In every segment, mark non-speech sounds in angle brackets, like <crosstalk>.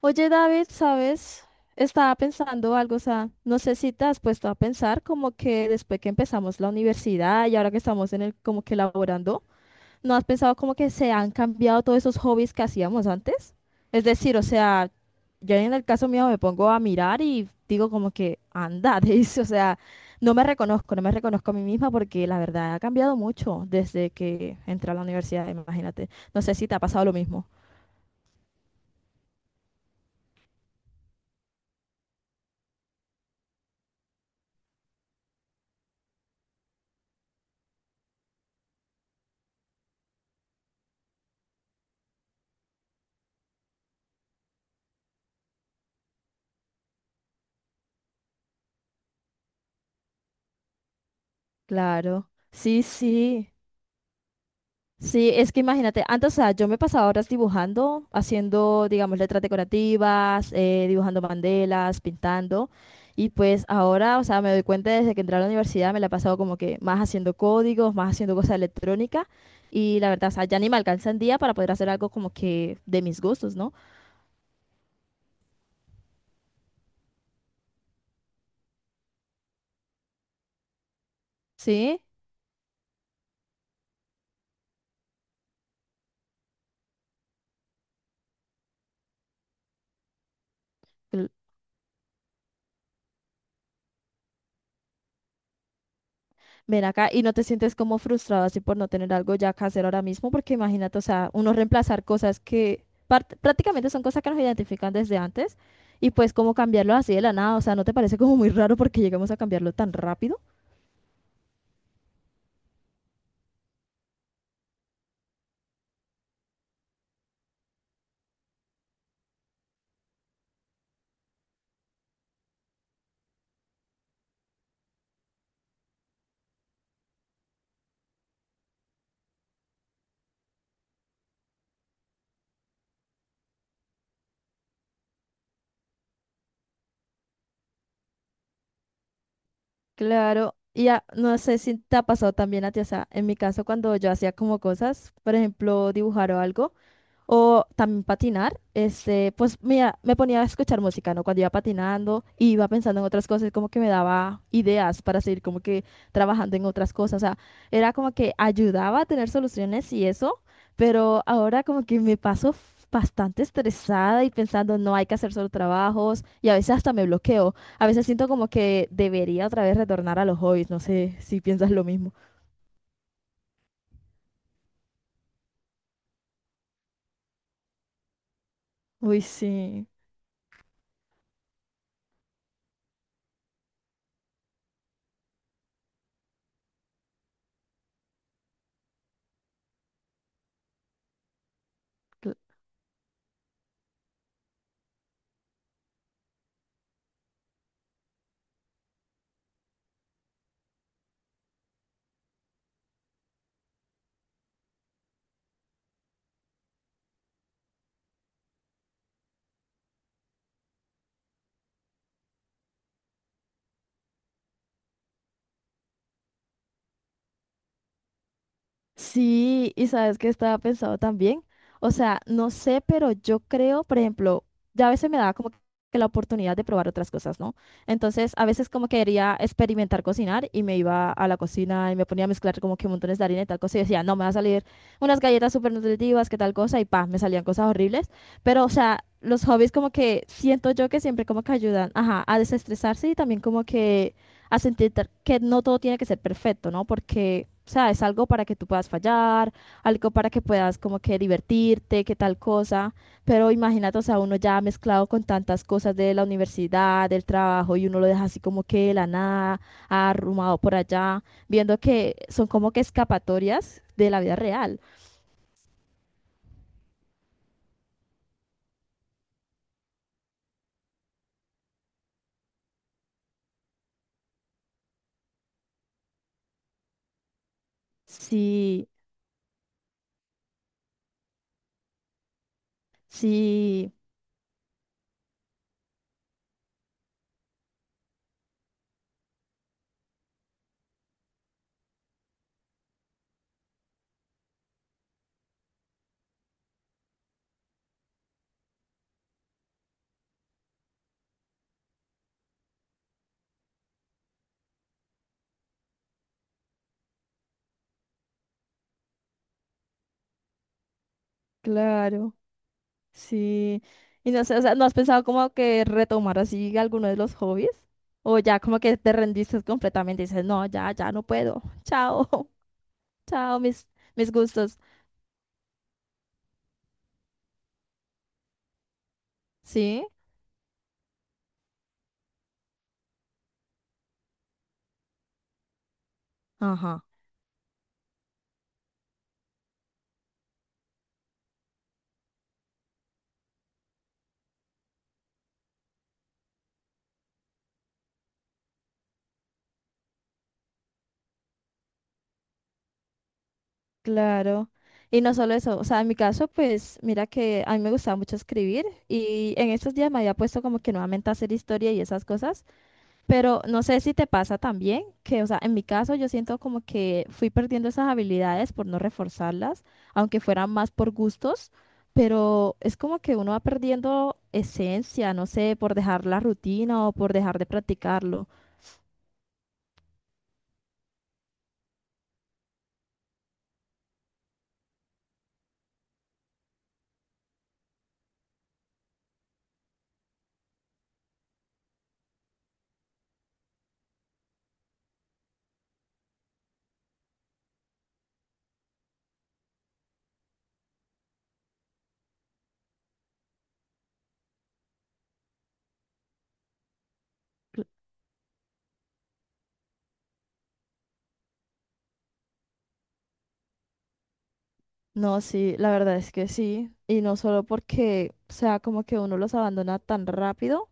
Oye, David, ¿sabes? Estaba pensando algo, o sea, no sé si te has puesto a pensar como que después que empezamos la universidad y ahora que estamos en el como que laborando, ¿no has pensado como que se han cambiado todos esos hobbies que hacíamos antes? Es decir, o sea, yo en el caso mío me pongo a mirar y digo como que anda, <laughs> dice, o sea, no me reconozco, no me reconozco a mí misma porque la verdad ha cambiado mucho desde que entré a la universidad, imagínate. No sé si te ha pasado lo mismo. Claro, sí. Sí, es que imagínate, antes, o sea, yo me pasaba horas dibujando, haciendo, digamos, letras decorativas, dibujando bandelas, pintando, y pues ahora, o sea, me doy cuenta desde que entré a la universidad, me la he pasado como que más haciendo códigos, más haciendo cosas electrónicas, y la verdad, o sea, ya ni me alcanza el día para poder hacer algo como que de mis gustos, ¿no? Sí, ven acá y no te sientes como frustrado así por no tener algo ya que hacer ahora mismo, porque imagínate, o sea, uno reemplazar cosas que prácticamente son cosas que nos identifican desde antes y pues como cambiarlo así de la nada, o sea, ¿no te parece como muy raro porque llegamos a cambiarlo tan rápido? Claro, y ya, no sé si te ha pasado también a ti, o sea, en mi caso cuando yo hacía como cosas, por ejemplo, dibujar o algo. O también patinar, este, pues mira, me ponía a escuchar música, ¿no? Cuando iba patinando, y iba pensando en otras cosas, como que me daba ideas para seguir como que trabajando en otras cosas, o sea, era como que ayudaba a tener soluciones y eso, pero ahora como que me paso bastante estresada y pensando, no hay que hacer solo trabajos y a veces hasta me bloqueo, a veces siento como que debería otra vez retornar a los hobbies, no sé si piensas lo mismo. Uy, sí. Sí, y sabes que estaba pensado también. O sea, no sé, pero yo creo, por ejemplo, ya a veces me daba como que la oportunidad de probar otras cosas, ¿no? Entonces, a veces como quería experimentar cocinar y me iba a la cocina y me ponía a mezclar como que montones de harina y tal cosa y decía, no, me va a salir unas galletas súper nutritivas, que tal cosa, y pa, me salían cosas horribles. Pero, o sea, los hobbies como que siento yo que siempre como que ayudan, ajá, a desestresarse y también como que a sentir que no todo tiene que ser perfecto, ¿no? Porque, o sea, es algo para que tú puedas fallar, algo para que puedas como que divertirte, que tal cosa, pero imagínate, o sea, uno ya mezclado con tantas cosas de la universidad, del trabajo, y uno lo deja así como que de la nada, arrumado por allá, viendo que son como que escapatorias de la vida real. Sí, sí, claro. Sí, y no sé, o sea, ¿no has pensado como que retomar así alguno de los hobbies? O ya como que te rendiste completamente y dices, no, ya, ya no puedo. Chao, <laughs> chao, mis, mis gustos. Sí, ajá, claro. Y no solo eso, o sea, en mi caso, pues mira que a mí me gustaba mucho escribir y en estos días me había puesto como que nuevamente a hacer historia y esas cosas. Pero no sé si te pasa también, que, o sea, en mi caso yo siento como que fui perdiendo esas habilidades por no reforzarlas, aunque fueran más por gustos, pero es como que uno va perdiendo esencia, no sé, por dejar la rutina o por dejar de practicarlo. No, sí, la verdad es que sí. Y no solo porque, o sea, como que uno los abandona tan rápido,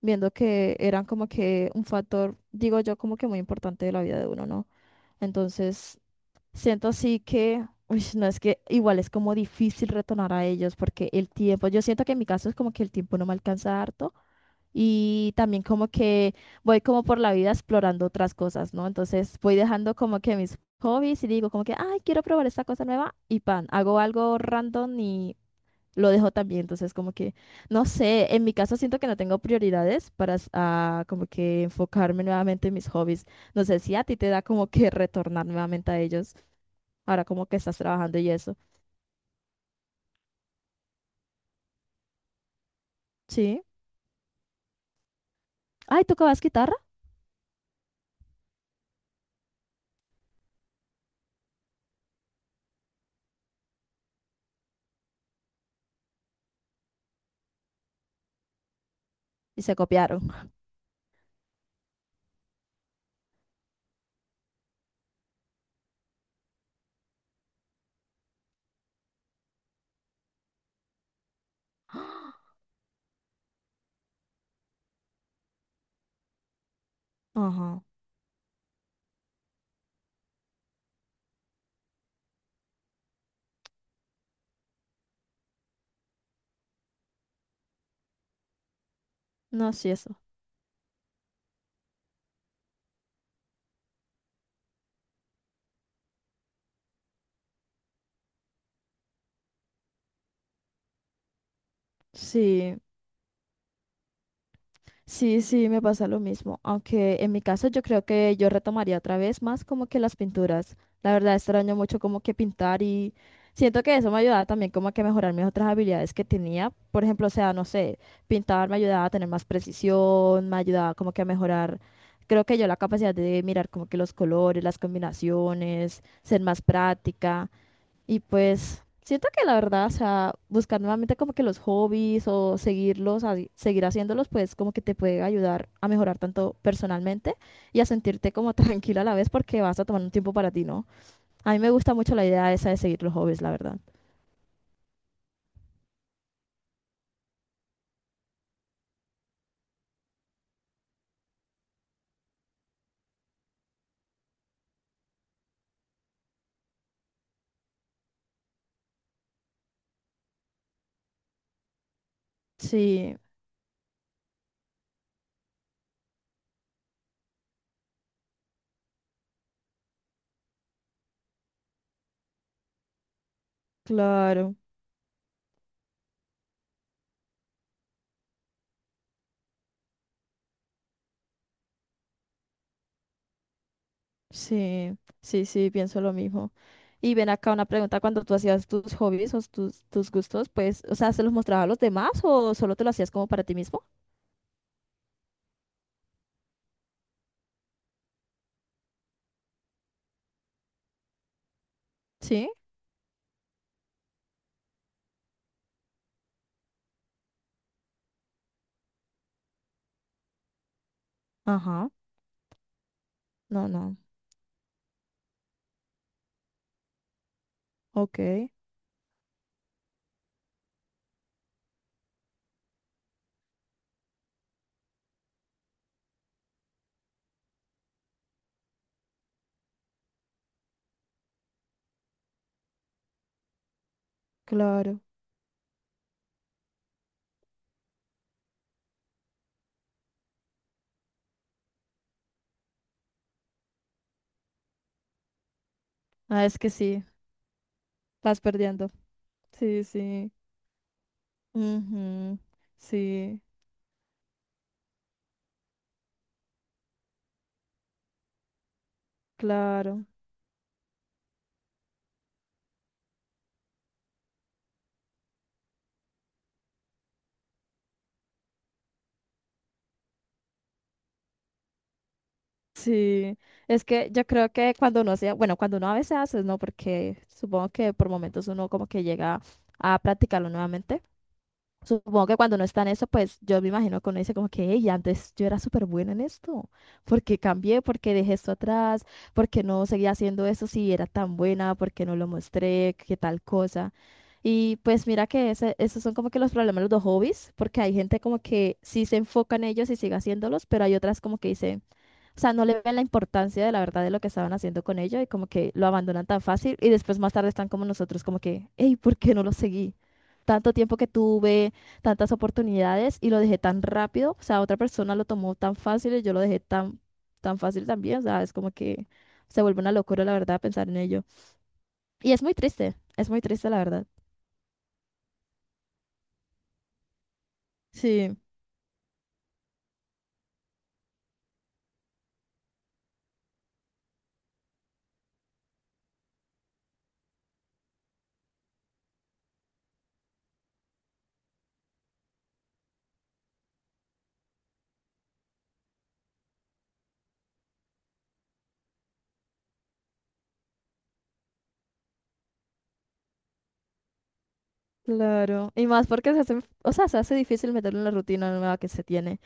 viendo que eran como que un factor, digo yo, como que muy importante de la vida de uno, ¿no? Entonces, siento así que, uy, no es que igual es como difícil retornar a ellos porque el tiempo, yo siento que en mi caso es como que el tiempo no me alcanza harto y también como que voy como por la vida explorando otras cosas, ¿no? Entonces voy dejando como que mis hobbies y digo como que, ay, quiero probar esta cosa nueva y pan, hago algo random y lo dejo también. Entonces como que, no sé, en mi caso siento que no tengo prioridades para ah, como que enfocarme nuevamente en mis hobbies. No sé si a ti te da como que retornar nuevamente a ellos. Ahora como que estás trabajando y eso. Sí. Ay, ¿tocabas guitarra? Y se copiaron. Ajá. No, sí, eso. Sí. Sí, me pasa lo mismo. Aunque en mi caso yo creo que yo retomaría otra vez más como que las pinturas. La verdad extraño mucho como que pintar y siento que eso me ayudaba también como a que mejorar mis otras habilidades que tenía. Por ejemplo, o sea, no sé, pintar me ayudaba a tener más precisión, me ayudaba como que a mejorar, creo que yo la capacidad de mirar como que los colores, las combinaciones, ser más práctica. Y pues siento que la verdad, o sea, buscar nuevamente como que los hobbies o seguirlos, seguir haciéndolos, pues como que te puede ayudar a mejorar tanto personalmente y a sentirte como <laughs> tranquila a la vez porque vas a tomar un tiempo para ti, ¿no? A mí me gusta mucho la idea esa de seguir los hobbies, la verdad. Sí, claro, sí, sí, pienso lo mismo. Y ven acá una pregunta, cuando tú hacías tus hobbies o tus, tus gustos, pues, o sea, ¿se los mostrabas a los demás o solo te lo hacías como para ti mismo? Sí. Ajá, no, ok. Claro. Ah, es que sí, vas perdiendo. Sí. Ujú. Sí, claro. Sí. Es que yo creo que cuando uno sea, bueno, cuando uno a veces hace, ¿no? Porque supongo que por momentos uno como que llega a practicarlo nuevamente. Supongo que cuando uno está en eso, pues yo me imagino que uno dice como que, hey, antes yo era súper buena en esto, porque cambié, porque dejé esto atrás, porque no seguía haciendo eso si era tan buena, porque no lo mostré, qué tal cosa. Y pues mira que esos son como que los problemas de los hobbies, porque hay gente como que sí se enfoca en ellos y sigue haciéndolos, pero hay otras como que dicen... O sea, no le ven la importancia de la verdad de lo que estaban haciendo con ella y como que lo abandonan tan fácil y después más tarde están como nosotros, como que, hey, ¿por qué no lo seguí? Tanto tiempo que tuve, tantas oportunidades y lo dejé tan rápido, o sea, otra persona lo tomó tan fácil y yo lo dejé tan, tan fácil también, o sea, es como que se vuelve una locura, la verdad, pensar en ello. Y es muy triste, la verdad. Sí, claro. Y más porque se hace, o sea, se hace difícil meterlo en la rutina nueva que se tiene.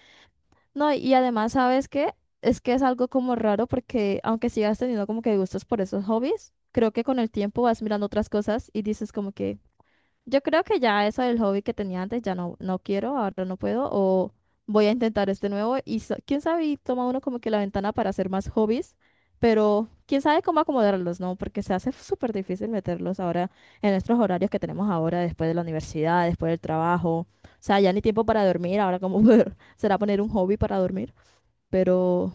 No, y además, ¿sabes qué? Es que es algo como raro porque aunque sigas teniendo como que gustos por esos hobbies, creo que con el tiempo vas mirando otras cosas y dices como que yo creo que ya eso del hobby que tenía antes ya no, no quiero, ahora no puedo, o voy a intentar este nuevo y quién sabe, y toma uno como que la ventana para hacer más hobbies, pero quién sabe cómo acomodarlos, ¿no? Porque se hace súper difícil meterlos ahora en nuestros horarios que tenemos ahora, después de la universidad, después del trabajo, o sea, ya ni tiempo para dormir, ahora cómo <laughs> será poner un hobby para dormir, pero...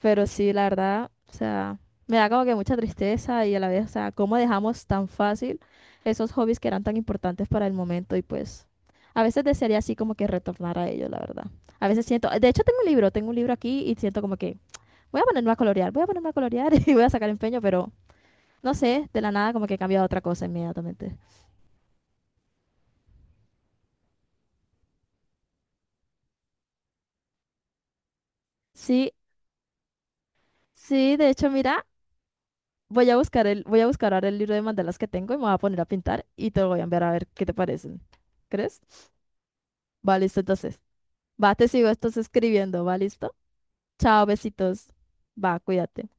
Pero sí, la verdad, o sea, me da como que mucha tristeza y a la vez, o sea, cómo dejamos tan fácil esos hobbies que eran tan importantes para el momento y pues a veces desearía así como que retornar a ellos, la verdad. A veces siento, de hecho tengo un libro aquí y siento como que voy a ponerme a colorear, voy a ponerme a colorear <laughs> y voy a sacar empeño, pero no sé, de la nada como que cambia a otra cosa inmediatamente. Sí, sí, de hecho, mira, voy a buscar el, voy a buscar ahora el libro de mandalas que tengo y me voy a poner a pintar y te lo voy a enviar a ver qué te parecen. ¿Crees? Va, listo, entonces. Va, te sigo, estás escribiendo, va, listo. Chao, besitos. Va, cuídate.